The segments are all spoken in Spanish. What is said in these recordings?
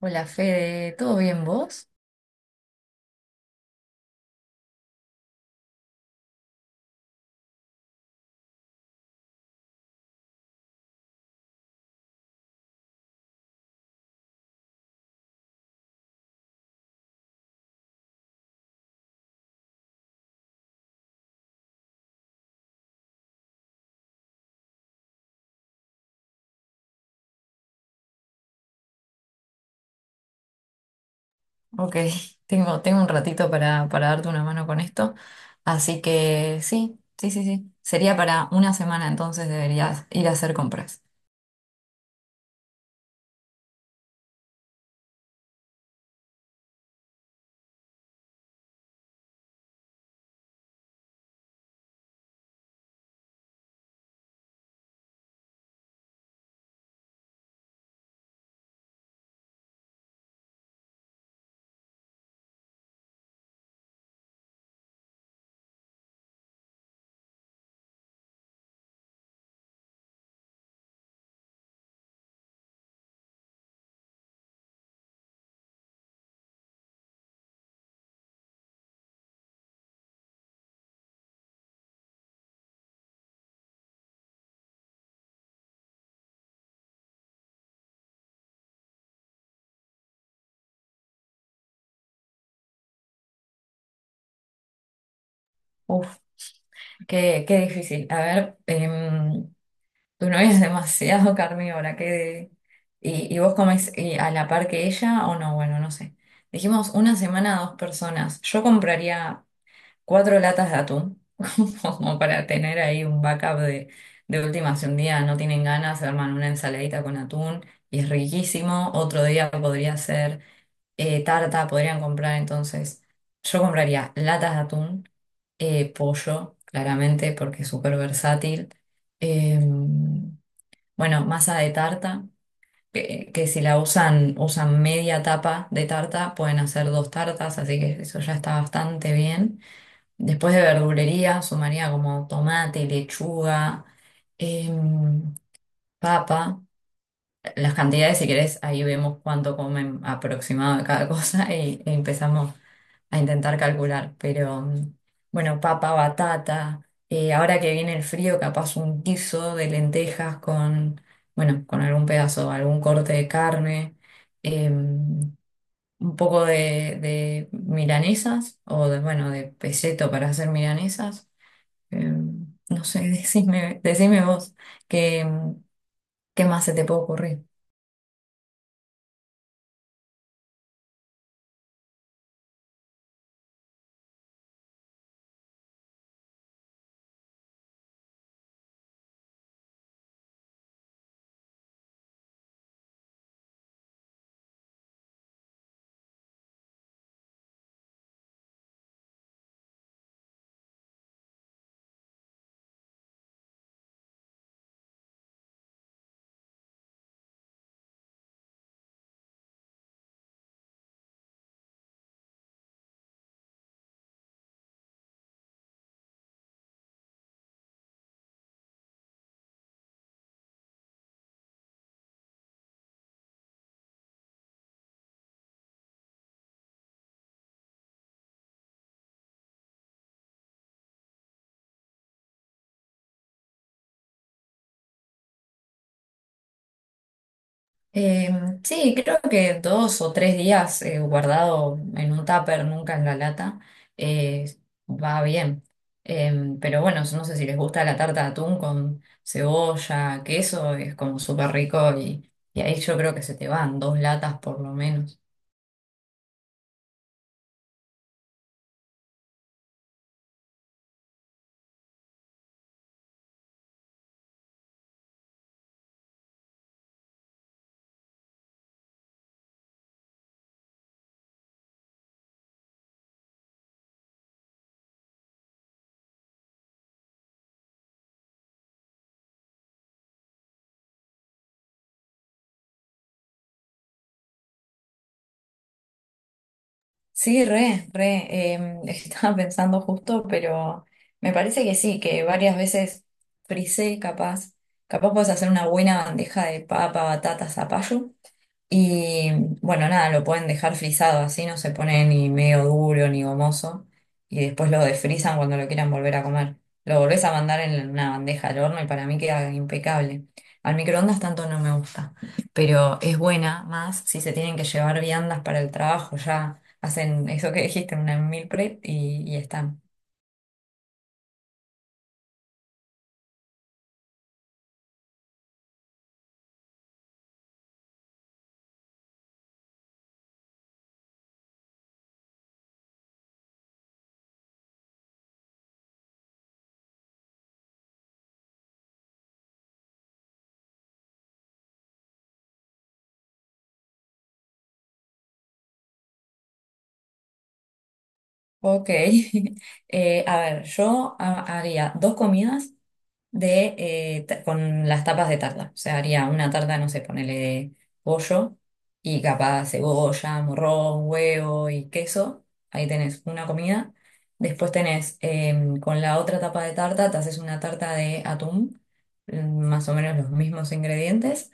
Hola Fede, ¿todo bien vos? Ok, tengo un ratito para darte una mano con esto. Así que sí, sí, sí, sí. Sería para una semana, entonces deberías ir a hacer compras. Uf, qué difícil. A ver, tu novia es demasiado carnívora, qué. Y vos comés a la par que ella o no? Bueno, no sé. Dijimos una semana a dos personas. Yo compraría cuatro latas de atún, como para tener ahí un backup de última, si un día no tienen ganas, se arman una ensaladita con atún y es riquísimo. Otro día podría ser tarta, podrían comprar. Entonces, yo compraría latas de atún, pollo, claramente, porque es súper versátil, eh, bueno, masa de tarta. Que si la usan, usan media tapa de tarta, pueden hacer dos tartas, así que eso ya está bastante bien. Después de verdulería, sumaría como tomate, lechuga, em, papa. Las cantidades, si querés, ahí vemos cuánto comen aproximado de cada cosa y, e empezamos a intentar calcular. Pero bueno, papa, batata. Ahora que viene el frío, capaz un guiso de lentejas con, bueno, con algún pedazo, algún corte de carne. em, un poco de milanesas o de, bueno, de peseto para hacer milanesas. eh, no sé, decime, decime vos qué, qué más se te puede ocurrir. Eh, sí, creo que dos o tres días guardado en un tupper, nunca en la lata, eh, va bien. Pero bueno, no sé si les gusta la tarta de atún con cebolla, queso, es como súper rico y ahí yo creo que se te van dos latas por lo menos. Sí, re, re. Estaba pensando justo, pero me parece que sí, que varias veces frisé, capaz. Capaz puedes hacer una buena bandeja de papa, batata, zapallo. Y bueno, nada, lo pueden dejar frisado así, no se pone ni medio duro ni gomoso. Y después lo desfrizan cuando lo quieran volver a comer. Lo volvés a mandar en una bandeja al horno y para mí queda impecable. Al microondas tanto no me gusta, pero es buena más si se tienen que llevar viandas para el trabajo. Ya hacen eso que dijiste, una meal prep y están. Ok. A ver, yo haría dos comidas de, con las tapas de tarta. O sea, haría una tarta, no sé, ponele de pollo y capaz cebolla, morrón, huevo y queso. Ahí tenés una comida. Después tenés con la otra tapa de tarta, te haces una tarta de atún, mm, más o menos los mismos ingredientes.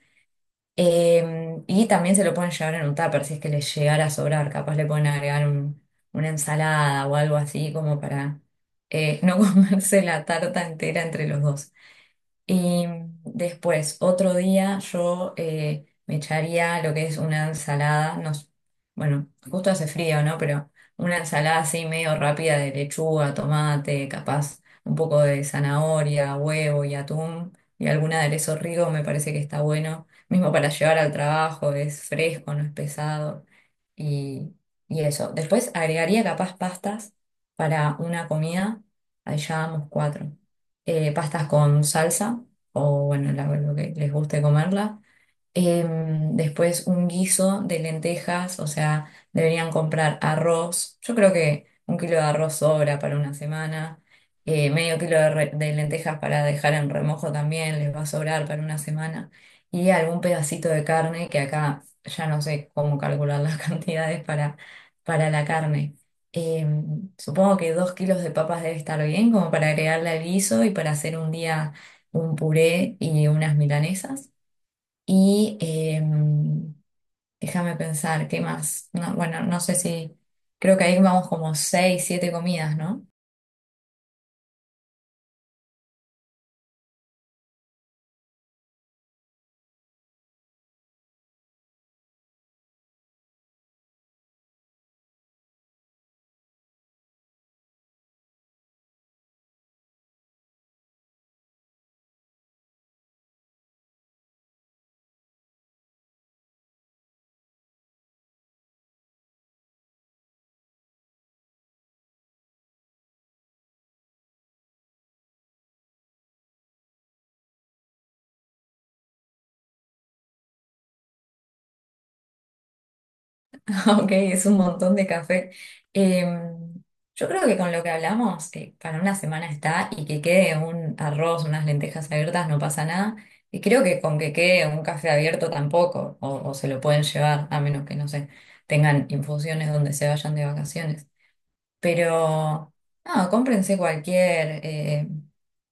Y también se lo pueden llevar en un tupper si es que les llegara a sobrar. Capaz le pueden agregar una ensalada o algo así como para no comerse la tarta entera entre los dos. Y después, otro día, yo me echaría lo que es una ensalada, no, bueno, justo hace frío, ¿no? Pero una ensalada así medio rápida de lechuga, tomate, capaz un poco de zanahoria, huevo y atún y algún aderezo rico, me parece que está bueno. Mismo para llevar al trabajo, es fresco, no es pesado. Y, y eso. Después agregaría capaz pastas para una comida, ahí ya vamos cuatro pastas con salsa o bueno, lo que les guste comerla. Después un guiso de lentejas, o sea, deberían comprar arroz. Yo creo que un kilo de arroz sobra para una semana. Medio kilo de, de lentejas para dejar en remojo también les va a sobrar para una semana. Y algún pedacito de carne, que acá ya no sé cómo calcular las cantidades para la carne. Supongo que dos kilos de papas debe estar bien, como para agregarle al guiso y para hacer un día un puré y unas milanesas. Y déjame pensar, ¿qué más? No, bueno, no sé si, creo que ahí vamos como seis, siete comidas, ¿no? Ok, es un montón de café. Em, yo creo que con lo que hablamos, para una semana está y que quede un arroz, unas lentejas abiertas, no pasa nada. Y creo que con que quede un café abierto tampoco, o se lo pueden llevar, a menos que, no sé, tengan infusiones donde se vayan de vacaciones. Pero, no, cómprense cualquier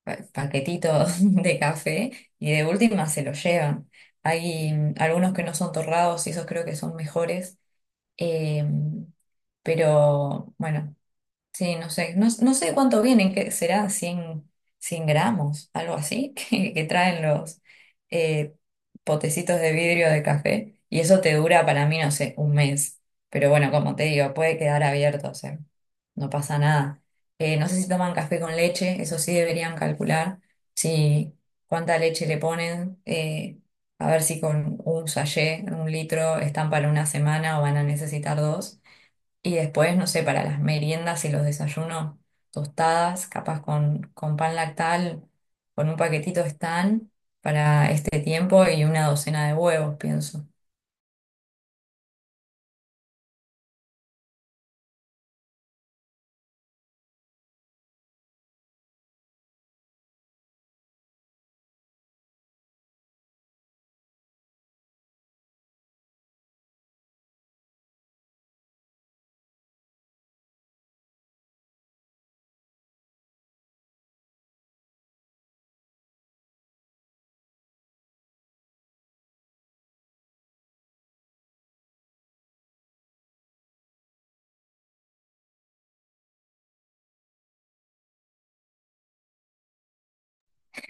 paquetito de café y de última se lo llevan. Hay algunos que no son torrados y esos creo que son mejores. eh, pero, bueno. Sí, no sé, no, no sé cuánto vienen, que será 100 gramos, algo así, que traen los eh, potecitos de vidrio de café. Y eso te dura para mí, no sé, un mes. Pero bueno, como te digo, puede quedar abierto, o sea, no pasa nada. No sé si toman café con leche, eso sí deberían calcular, si cuánta leche le ponen, a ver si con un sachet, un litro, están para una semana o van a necesitar dos. Y después, no sé, para las meriendas y los desayunos, tostadas, capaz con pan lactal, con un paquetito están para este tiempo y una docena de huevos, pienso.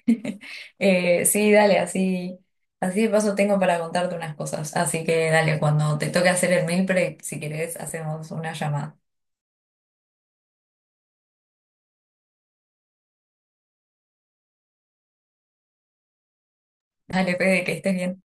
Sí, dale, así, así de paso tengo para contarte unas cosas. Así que dale, cuando te toque hacer el meal prep, si querés, hacemos una llamada. Dale, Fede, que estés bien.